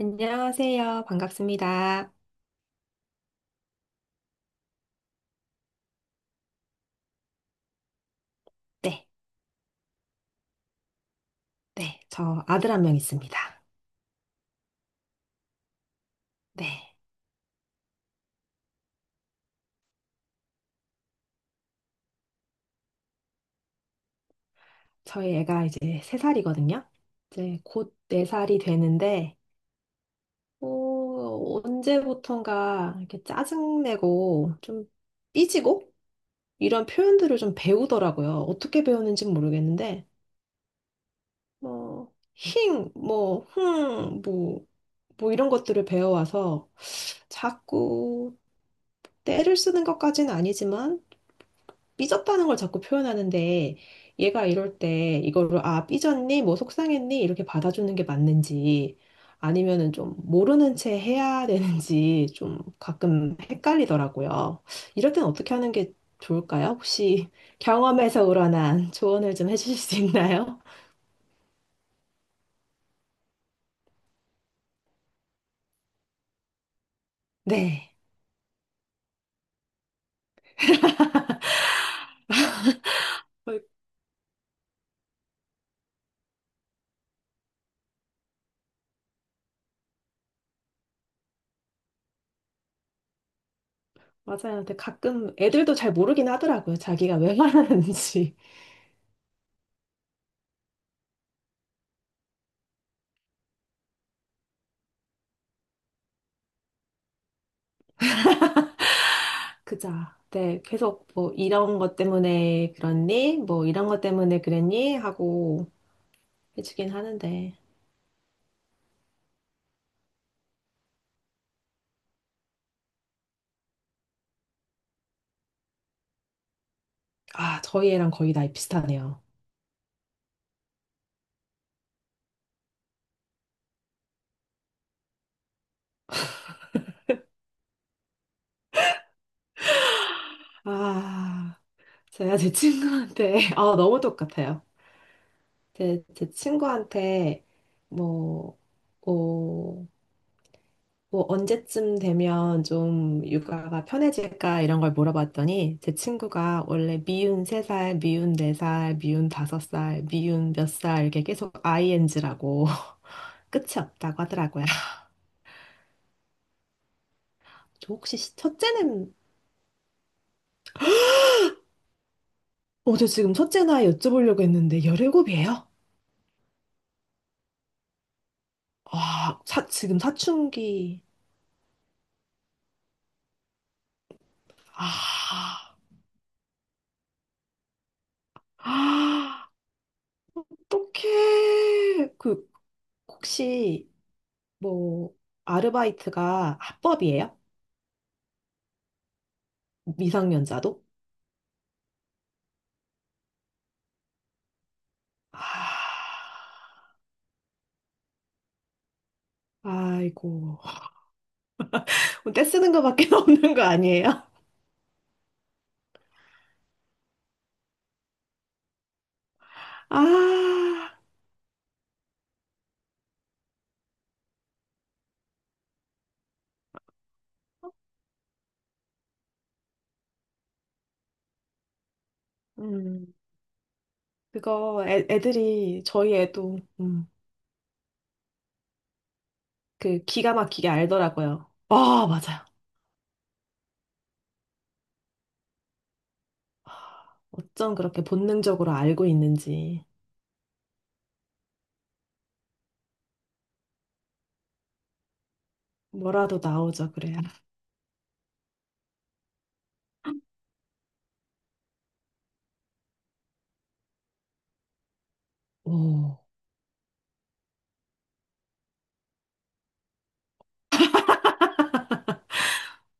안녕하세요. 반갑습니다. 네, 네. 저 아들 한 명 있습니다. 네. 저희 애가 이제 세살이거든요. 이제 곧 네살이 되는데, 언제부턴가 이렇게 짜증내고 좀 삐지고 이런 표현들을 좀 배우더라고요. 어떻게 배우는지 모르겠는데, 뭐, 힝, 뭐, 흥, 뭐, 뭐 이런 것들을 배워와서 자꾸 때를 쓰는 것까지는 아니지만, 삐졌다는 걸 자꾸 표현하는데 얘가 이럴 때 이거를 아 삐졌니 뭐 속상했니 이렇게 받아주는 게 맞는지 아니면은 좀 모르는 채 해야 되는지 좀 가끔 헷갈리더라고요. 이럴 땐 어떻게 하는 게 좋을까요? 혹시 경험에서 우러난 조언을 좀 해주실 수 있나요? 네. 맞아요. 근데 가끔 애들도 잘 모르긴 하더라고요. 자기가 왜 말하는지. 그자. 네, 계속 뭐 이런 것 때문에 그랬니? 뭐 이런 것 때문에 그랬니? 하고 해주긴 하는데. 아, 저희 애랑 거의 나이 비슷하네요. 아, 제가 제 친구한테, 아, 너무 똑같아요. 제 친구한테, 뭐, 어, 뭐, 언제쯤 되면 좀 육아가 편해질까 이런 걸 물어봤더니 제 친구가 원래 미운 3살, 미운 4살, 미운 5살, 미운 몇 살 이렇게 계속 ING라고 끝이 없다고 하더라고요. 저 혹시 첫째는, 저 지금 첫째 나이 여쭤보려고 했는데, 열일곱이에요. 아, 지금 사춘기. 아, 아, 어떡해. 그, 혹시, 뭐, 아르바이트가 합법이에요? 미성년자도? 아, 아이고. 떼 쓰는 거밖에 없는 거 아니에요? 아, 음, 그거 애들이, 저희 애도, 그 기가 막히게 알더라고요. 아 맞아요. 어쩜 그렇게 본능적으로 알고 있는지. 뭐라도 나오죠, 그래야. 오.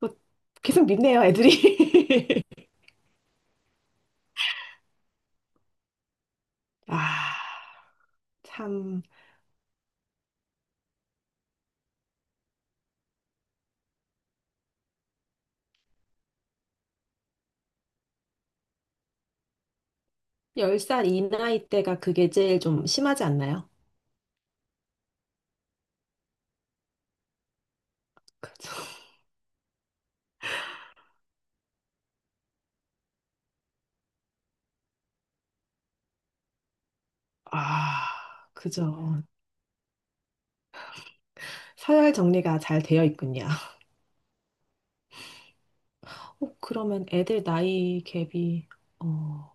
뭐 계속 믿네요, 애들이. 아, 참. 10살 이 나이 때가 그게 제일 좀 심하지 않나요? 그죠. 아, 그죠. 서열 정리가 잘 되어 있군요. 그러면 애들 나이 갭이, 어,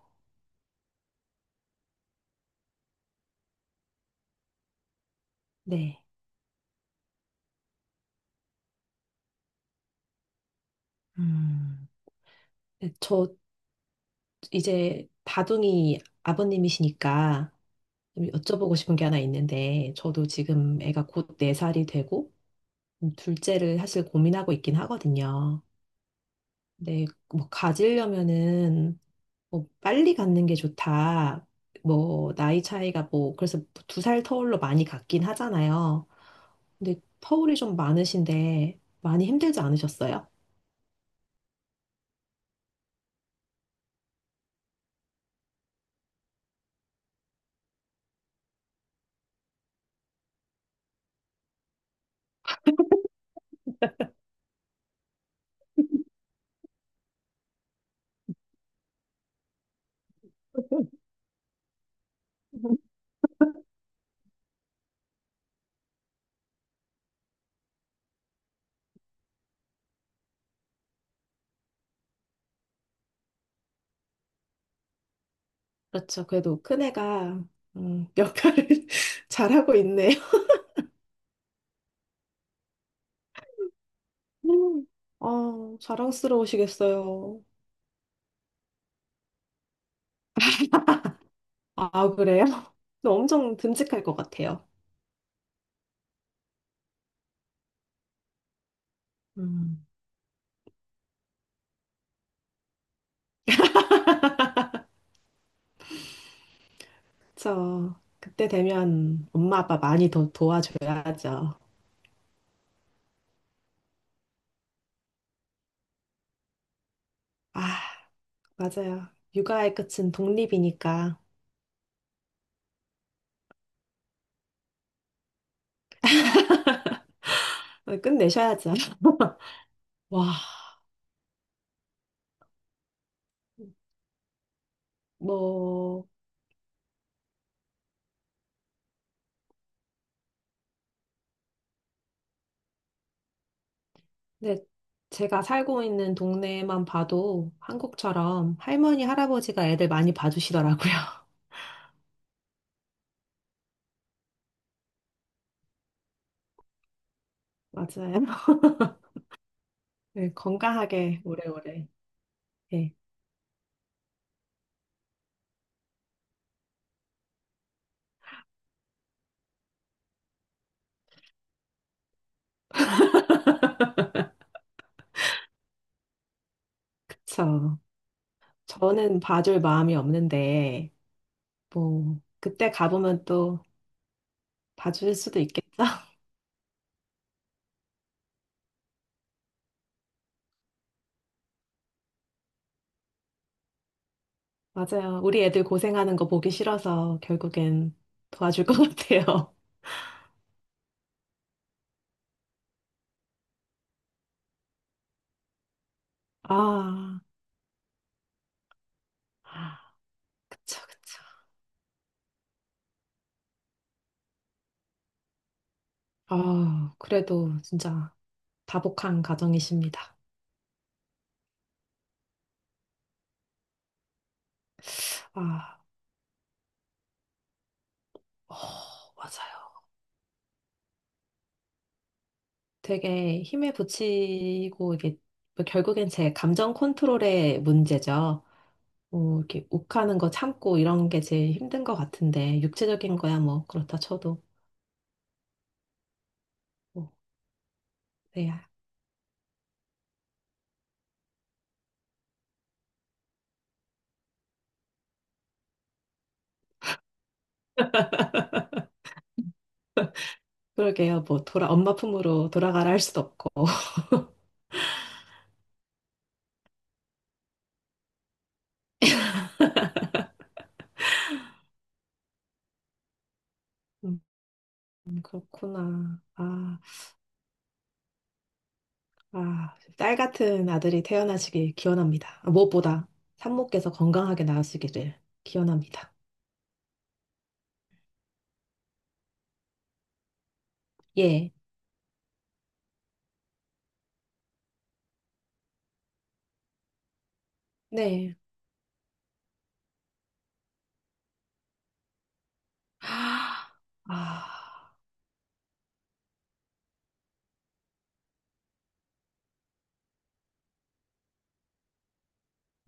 네. 음. 네, 저 이제 다둥이 아버님이시니까 좀 여쭤보고 싶은 게 하나 있는데, 저도 지금 애가 곧 네 살이 되고, 둘째를 사실 고민하고 있긴 하거든요. 근데 뭐 가지려면은 뭐 빨리 갖는 게 좋다. 뭐 나이 차이가 뭐 그래서 2살 터울로 많이 갖긴 하잖아요. 근데 터울이 좀 많으신데 많이 힘들지 않으셨어요? 그렇죠. 그래도 큰애가 역할을 잘하고 있네요. 음, 아, 자랑스러우시겠어요. 아, 그래요? 엄청 듬직할 것 같아요. 음. 그쵸. 그때 되면 엄마 아빠 많이 더 도와줘야죠. 아, 맞아요. 육아의 끝은 독립이니까 끝내셔야죠. 와, 뭐, 네, 제가 살고 있는 동네만 봐도 한국처럼 할머니, 할아버지가 애들 많이 봐주시더라고요. 맞아요. 네, 건강하게 오래오래. 네, 그쵸. 저는 봐줄 마음이 없는데, 뭐, 그때 가보면 또 봐줄 수도 있겠죠? 맞아요. 우리 애들 고생하는 거 보기 싫어서 결국엔 도와줄 것 같아요. 아, 그쵸, 그쵸. 아, 그래도 진짜 다복한 가정이십니다. 아, 어, 맞아요. 되게 힘에 부치고 이게 뭐 결국엔 제 감정 컨트롤의 문제죠. 뭐 이렇게 욱하는 거 참고 이런 게 제일 힘든 것 같은데 육체적인 거야 뭐 그렇다 쳐도 뭐, 네, 그러게요. 뭐 돌아 엄마 품으로 돌아가라 할 수도 없고. 음, 그렇구나. 아, 아, 딸 같은 아들이 태어나시길 기원합니다. 아, 무엇보다 산모께서 건강하게 나으시기를 기원합니다. 예. 네. 아, 아,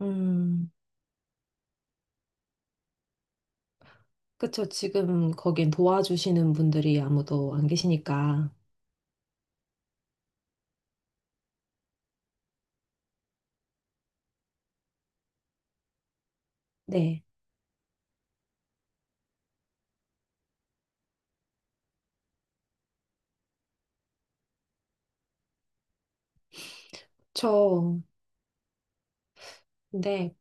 음, 그쵸. 지금 거긴 도와주시는 분들이 아무도 안 계시니까. 네. 저, 네.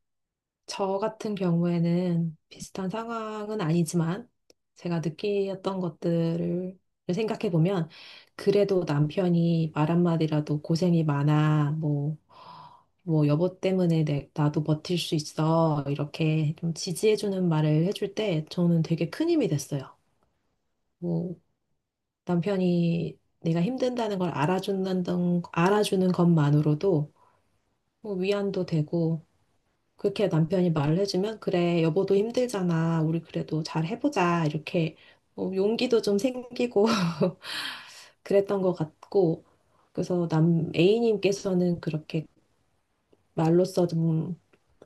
저 같은 경우에는 비슷한 상황은 아니지만 제가 느끼었던 것들을 생각해 보면 그래도 남편이 말 한마디라도 고생이 많아, 뭐, 뭐 여보 때문에 나도 버틸 수 있어 이렇게 좀 지지해 주는 말을 해줄 때 저는 되게 큰 힘이 됐어요. 뭐 남편이 내가 힘든다는 걸 알아준다는 알아주는 것만으로도 뭐 위안도 되고 그렇게 남편이 말을 해주면, 그래, 여보도 힘들잖아. 우리 그래도 잘 해보자. 이렇게 용기도 좀 생기고 그랬던 것 같고, 그래서 남 A님께서는 그렇게 말로써 좀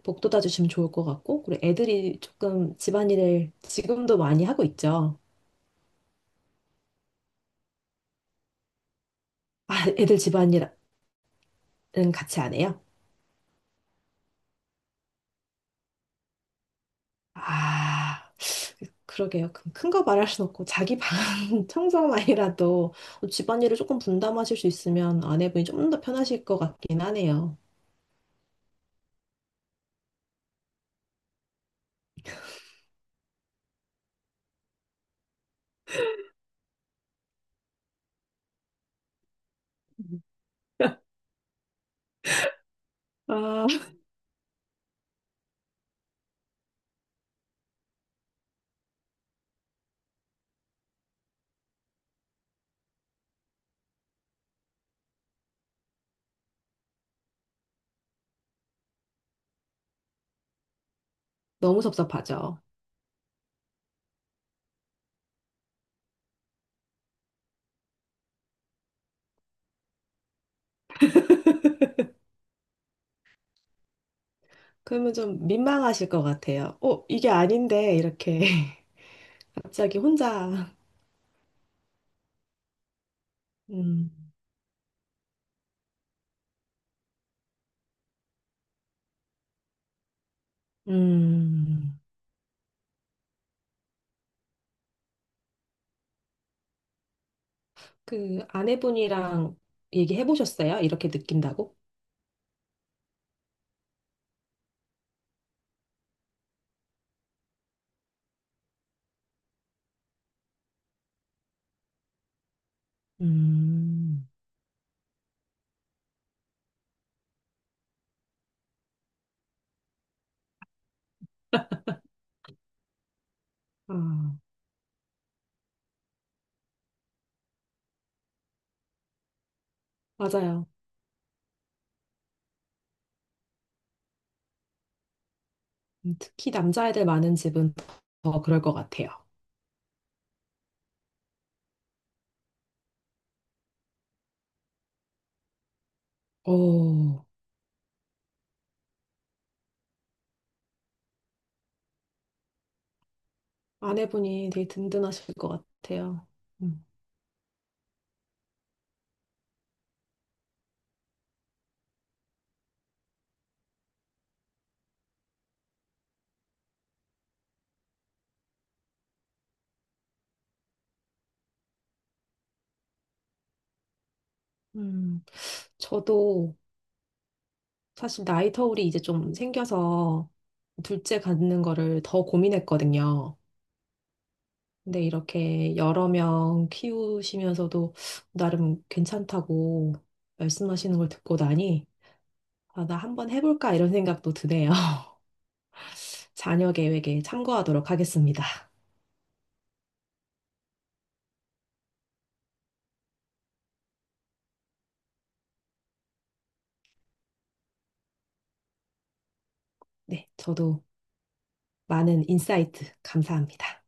복돋아 주시면 좋을 것 같고, 그리고 애들이 조금 집안일을 지금도 많이 하고 있죠. 아, 애들 집안일은 같이 안 해요? 아. 그러게요. 큰 거 말할 순 없고 자기 방 청소만이라도 뭐 집안일을 조금 분담하실 수 있으면 아내분이 좀 더 편하실 것 같긴 하네요. 아, 너무 섭섭하죠. 그러면 좀 민망하실 것 같아요. 어, 이게 아닌데 이렇게 갑자기 혼자 음, 음, 그 아내분이랑 얘기해 보셨어요? 이렇게 느낀다고? 음, 아, 맞아요. 특히 남자애들 많은 집은 더 그럴 것 같아요. 어, 아내분이 되게 든든하실 것 같아요. 음, 음, 저도 사실 나이 터울이 이제 좀 생겨서 둘째 갖는 거를 더 고민했거든요. 근데 이렇게 여러 명 키우시면서도 나름 괜찮다고 말씀하시는 걸 듣고 나니, 아, 나 한번 해볼까 이런 생각도 드네요. 자녀 계획에 참고하도록 하겠습니다. 네, 저도 많은 인사이트 감사합니다.